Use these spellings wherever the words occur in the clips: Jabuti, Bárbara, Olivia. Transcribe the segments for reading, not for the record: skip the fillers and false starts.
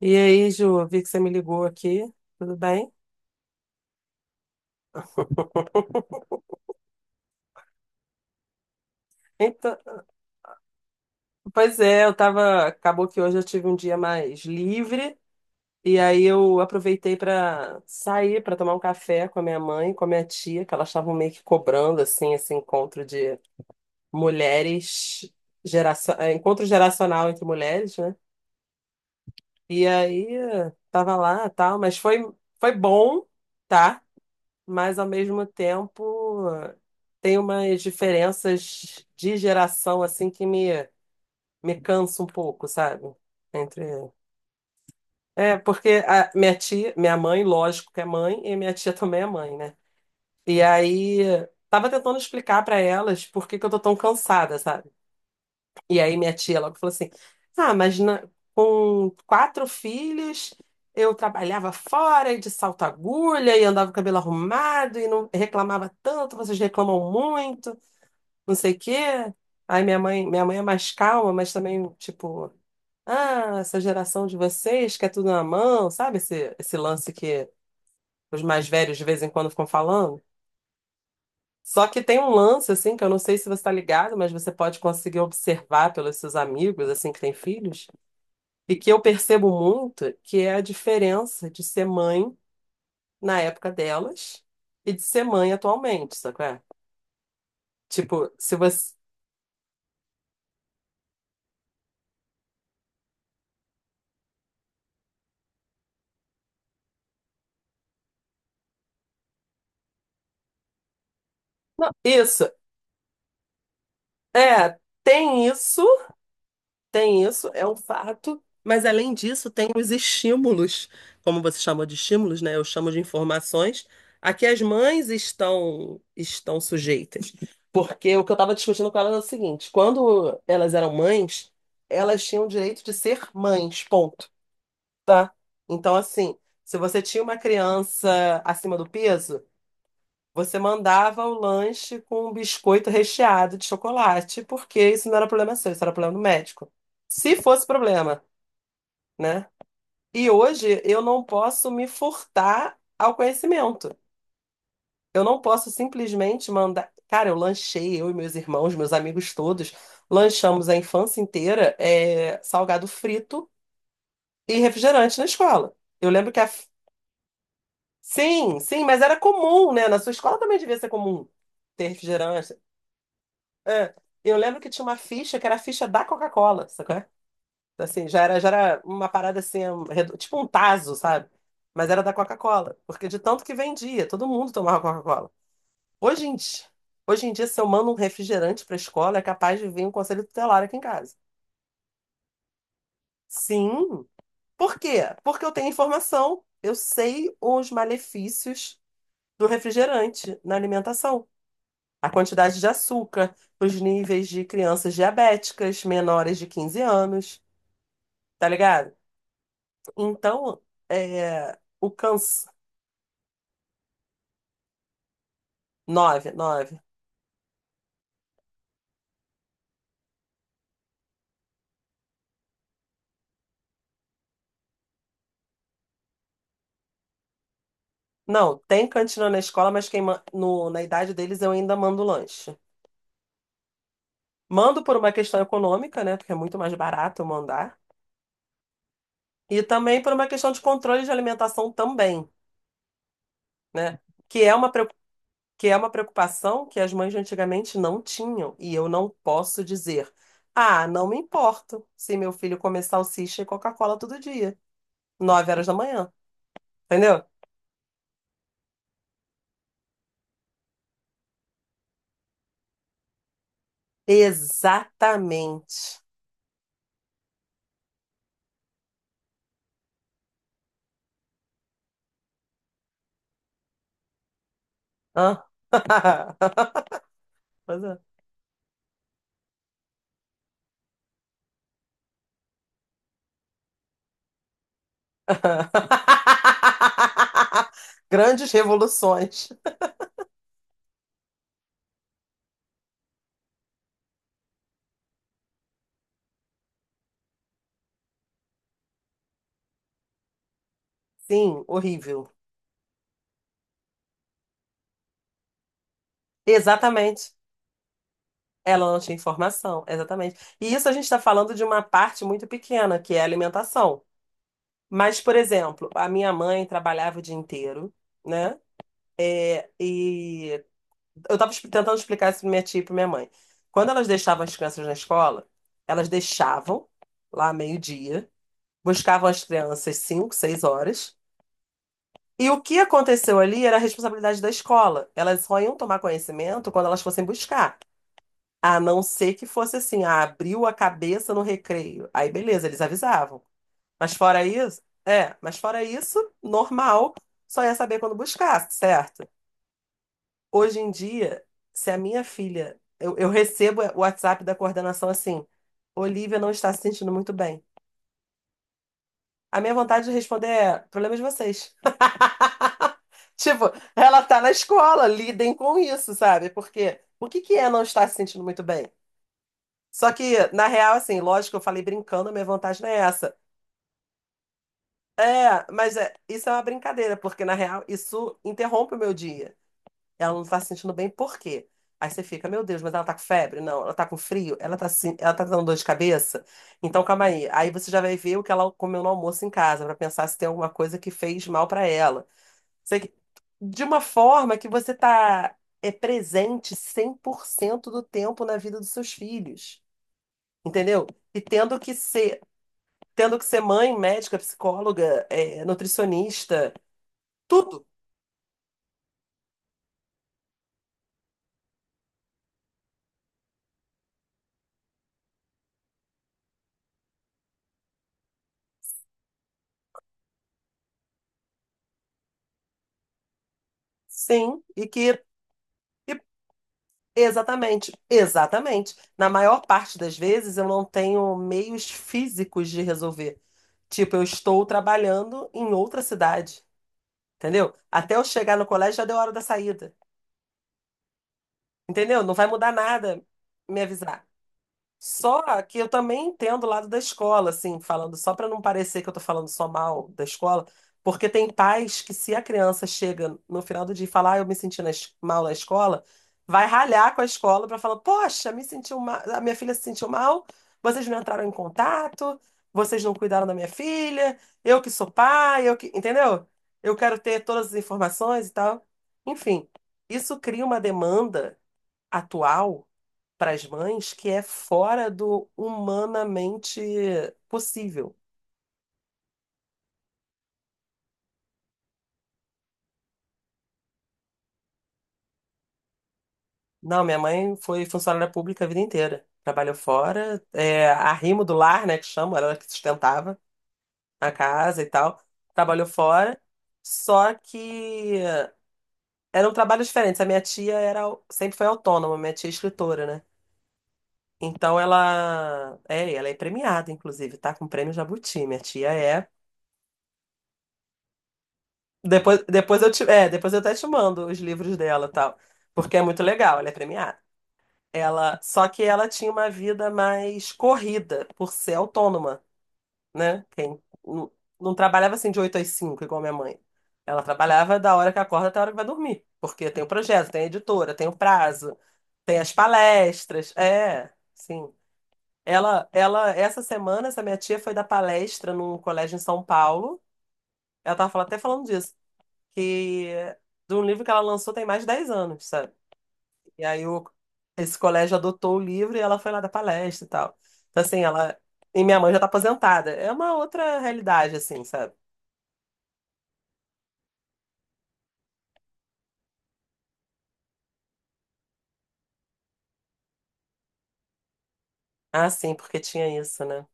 E aí, Ju, vi que você me ligou aqui, tudo bem? Então, pois é, eu tava, acabou que hoje eu tive um dia mais livre e aí eu aproveitei para sair para tomar um café com a minha mãe, e com a minha tia, que elas estavam meio que cobrando assim esse encontro de mulheres geração, encontro geracional entre mulheres, né? E aí tava lá, tal, mas foi bom, tá? Mas ao mesmo tempo tem umas diferenças de geração assim que me cansa um pouco, sabe? Entre É, porque a minha tia, minha mãe, lógico que é mãe, e minha tia também é mãe, né? E aí tava tentando explicar pra elas por que que eu tô tão cansada, sabe? E aí minha tia logo falou assim: Ah, mas com quatro filhos eu trabalhava fora e de salto agulha e andava com o cabelo arrumado e não reclamava tanto, vocês reclamam muito, não sei o quê. Aí minha mãe é mais calma, mas também, tipo, ah, essa geração de vocês que é tudo na mão, sabe? Esse lance que os mais velhos de vez em quando ficam falando. Só que tem um lance, assim, que eu não sei se você está ligado, mas você pode conseguir observar pelos seus amigos, assim, que têm filhos. E que eu percebo muito que é a diferença de ser mãe na época delas e de ser mãe atualmente, sabe? Qual é? Tipo, se você. Não, isso, tem isso, é um fato, mas além disso, tem os estímulos, como você chamou de estímulos, né? Eu chamo de informações, a que as mães estão sujeitas. Porque o que eu estava discutindo com elas é o seguinte: quando elas eram mães, elas tinham o direito de ser mães, ponto. Tá? Então, assim, se você tinha uma criança acima do peso, você mandava o lanche com um biscoito recheado de chocolate, porque isso não era problema seu, isso era problema do médico. Se fosse problema, né? E hoje eu não posso me furtar ao conhecimento. Eu não posso simplesmente mandar. Cara, eu lanchei, eu e meus irmãos, meus amigos todos, lanchamos a infância inteira, é, salgado frito e refrigerante na escola. Eu lembro que a. Sim, sim, mas era comum, né? Na sua escola também devia ser comum ter refrigerante. É. Eu lembro que tinha uma ficha que era a ficha da Coca-Cola, sacou? Assim, já era uma parada assim, tipo um tazo, sabe? Mas era da Coca-Cola, porque de tanto que vendia, todo mundo tomava Coca-Cola. Hoje em dia, hoje em dia, se eu mando um refrigerante para a escola, é capaz de vir um conselho tutelar aqui em casa. Sim. Por quê? Porque eu tenho informação, eu sei os malefícios do refrigerante na alimentação. A quantidade de açúcar para os níveis de crianças diabéticas menores de 15 anos, tá ligado? Então, o câncer. Nove, nove. Não, tem cantina na escola, mas quem ma- no, na idade deles eu ainda mando lanche. Mando por uma questão econômica, né? Porque é muito mais barato eu mandar. E também por uma questão de controle de alimentação também, né? Que é uma que é uma preocupação que as mães de antigamente não tinham, e eu não posso dizer, ah, não me importo se meu filho comer salsicha e Coca-Cola todo dia, 9 horas da manhã, entendeu? Exatamente. Hã? Pois é. Grandes revoluções. Sim, horrível. Exatamente. Ela não tinha informação, exatamente. E isso a gente está falando de uma parte muito pequena, que é a alimentação. Mas, por exemplo, a minha mãe trabalhava o dia inteiro, né? É, e eu estava tentando explicar isso para minha tia e para minha mãe. Quando elas deixavam as crianças na escola, elas deixavam lá meio-dia, buscavam as crianças 5, 6 horas. E o que aconteceu ali era a responsabilidade da escola. Elas só iam tomar conhecimento quando elas fossem buscar. A não ser que fosse assim, ah, abriu a cabeça no recreio. Aí, beleza, eles avisavam. Mas fora isso, normal, só ia saber quando buscar, certo? Hoje em dia, se a minha filha, eu, recebo o WhatsApp da coordenação assim, Olivia não está se sentindo muito bem. A minha vontade de responder é, problema de vocês. Tipo, ela tá na escola, lidem com isso, sabe? Porque o que que é não estar se sentindo muito bem? Só que, na real, assim, lógico, eu falei brincando, a minha vontade não é essa. É, mas é, isso é uma brincadeira, porque na real isso interrompe o meu dia. Ela não tá se sentindo bem, por quê? Aí você fica, meu Deus, mas ela tá com febre? Não, ela tá com frio? Ela tá, ela tá dando dor de cabeça? Então calma aí. Aí você já vai ver o que ela comeu no almoço em casa, pra pensar se tem alguma coisa que fez mal pra ela. Você, de uma forma que você tá é presente 100% do tempo na vida dos seus filhos, entendeu? E tendo que ser mãe, médica, psicóloga, é, nutricionista tudo. Sim. E que. e- Exatamente, exatamente. Na maior parte das vezes eu não tenho meios físicos de resolver. Tipo, eu estou trabalhando em outra cidade, entendeu? Até eu chegar no colégio já deu a hora da saída, entendeu? Não vai mudar nada me avisar. Só que eu também entendo o lado da escola, assim, falando só para não parecer que eu tô falando só mal da escola, porque tem pais que se a criança chega no final do dia e falar, ah, eu me senti mal na escola, vai ralhar com a escola para falar, poxa, me sentiu mal, a minha filha se sentiu mal, vocês não entraram em contato, vocês não cuidaram da minha filha, eu que sou pai, eu que, entendeu? Eu quero ter todas as informações e tal. Enfim, isso cria uma demanda atual para as mães que é fora do humanamente possível. Não, minha mãe foi funcionária pública a vida inteira. Trabalhou fora, arrimo do lar, né, que chamam, ela que sustentava a casa e tal. Trabalhou fora, só que era um trabalho diferente. A minha tia era, sempre foi autônoma, minha tia é escritora, né? Então ela é premiada, inclusive, tá com o prêmio Jabuti. Minha tia é. Depois eu até te mando os livros dela, e tal, porque é muito legal, ela é premiada. Ela, só que ela tinha uma vida mais corrida por ser autônoma, né? Quem não trabalhava assim de 8 às 5 igual minha mãe. Ela trabalhava da hora que acorda até a hora que vai dormir, porque tem o projeto, tem a editora, tem o prazo, tem as palestras. É, sim. Essa semana, essa minha tia foi dar palestra num colégio em São Paulo. Ela tava até falando disso, que de um livro que ela lançou tem mais de 10 anos, sabe? E aí esse colégio adotou o livro e ela foi lá dar palestra e tal. Então, assim, ela. E minha mãe já tá aposentada. É uma outra realidade, assim, sabe? Ah, sim, porque tinha isso, né?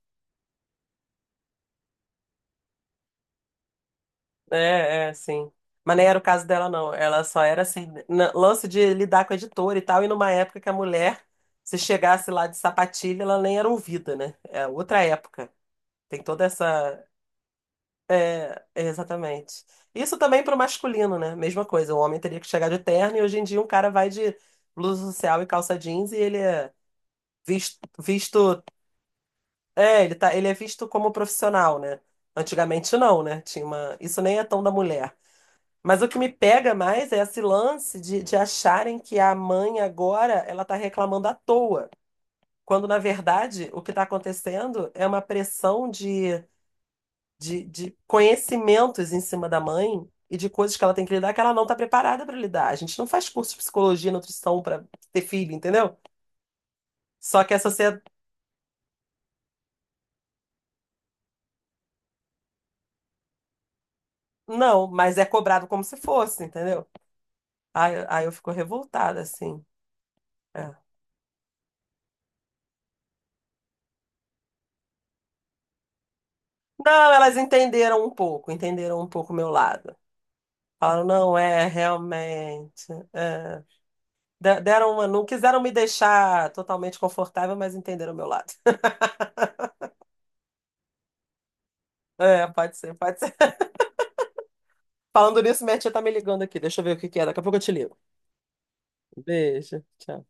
É, é, sim. Mas nem era o caso dela, não. Ela só era assim, lance de lidar com a editora e tal, e numa época que a mulher, se chegasse lá de sapatilha, ela nem era ouvida, né? É outra época. Tem toda essa. É, exatamente. Isso também para o masculino, né? Mesma coisa, o homem teria que chegar de terno e hoje em dia um cara vai de blusa social e calça jeans e ele é visto, visto, é, ele tá, ele é visto como profissional, né? Antigamente não, né? Tinha uma, isso nem é tão da mulher. Mas o que me pega mais é esse lance de, acharem que a mãe agora ela tá reclamando à toa, quando na verdade o que está acontecendo é uma pressão de conhecimentos em cima da mãe e de coisas que ela tem que lidar que ela não está preparada para lidar. A gente não faz curso de psicologia, nutrição para ter filho, entendeu? Só que a sociedade. Não, mas é cobrado como se fosse, entendeu? Aí, eu fico revoltada, assim. É. Não, elas entenderam um pouco o meu lado. Falaram, não, é, realmente. É. Deram uma, não quiseram me deixar totalmente confortável, mas entenderam o meu lado. É, pode ser, pode ser. Falando nisso, minha tia tá me ligando aqui. Deixa eu ver o que que é. Daqui a pouco eu te ligo. Beijo. Tchau.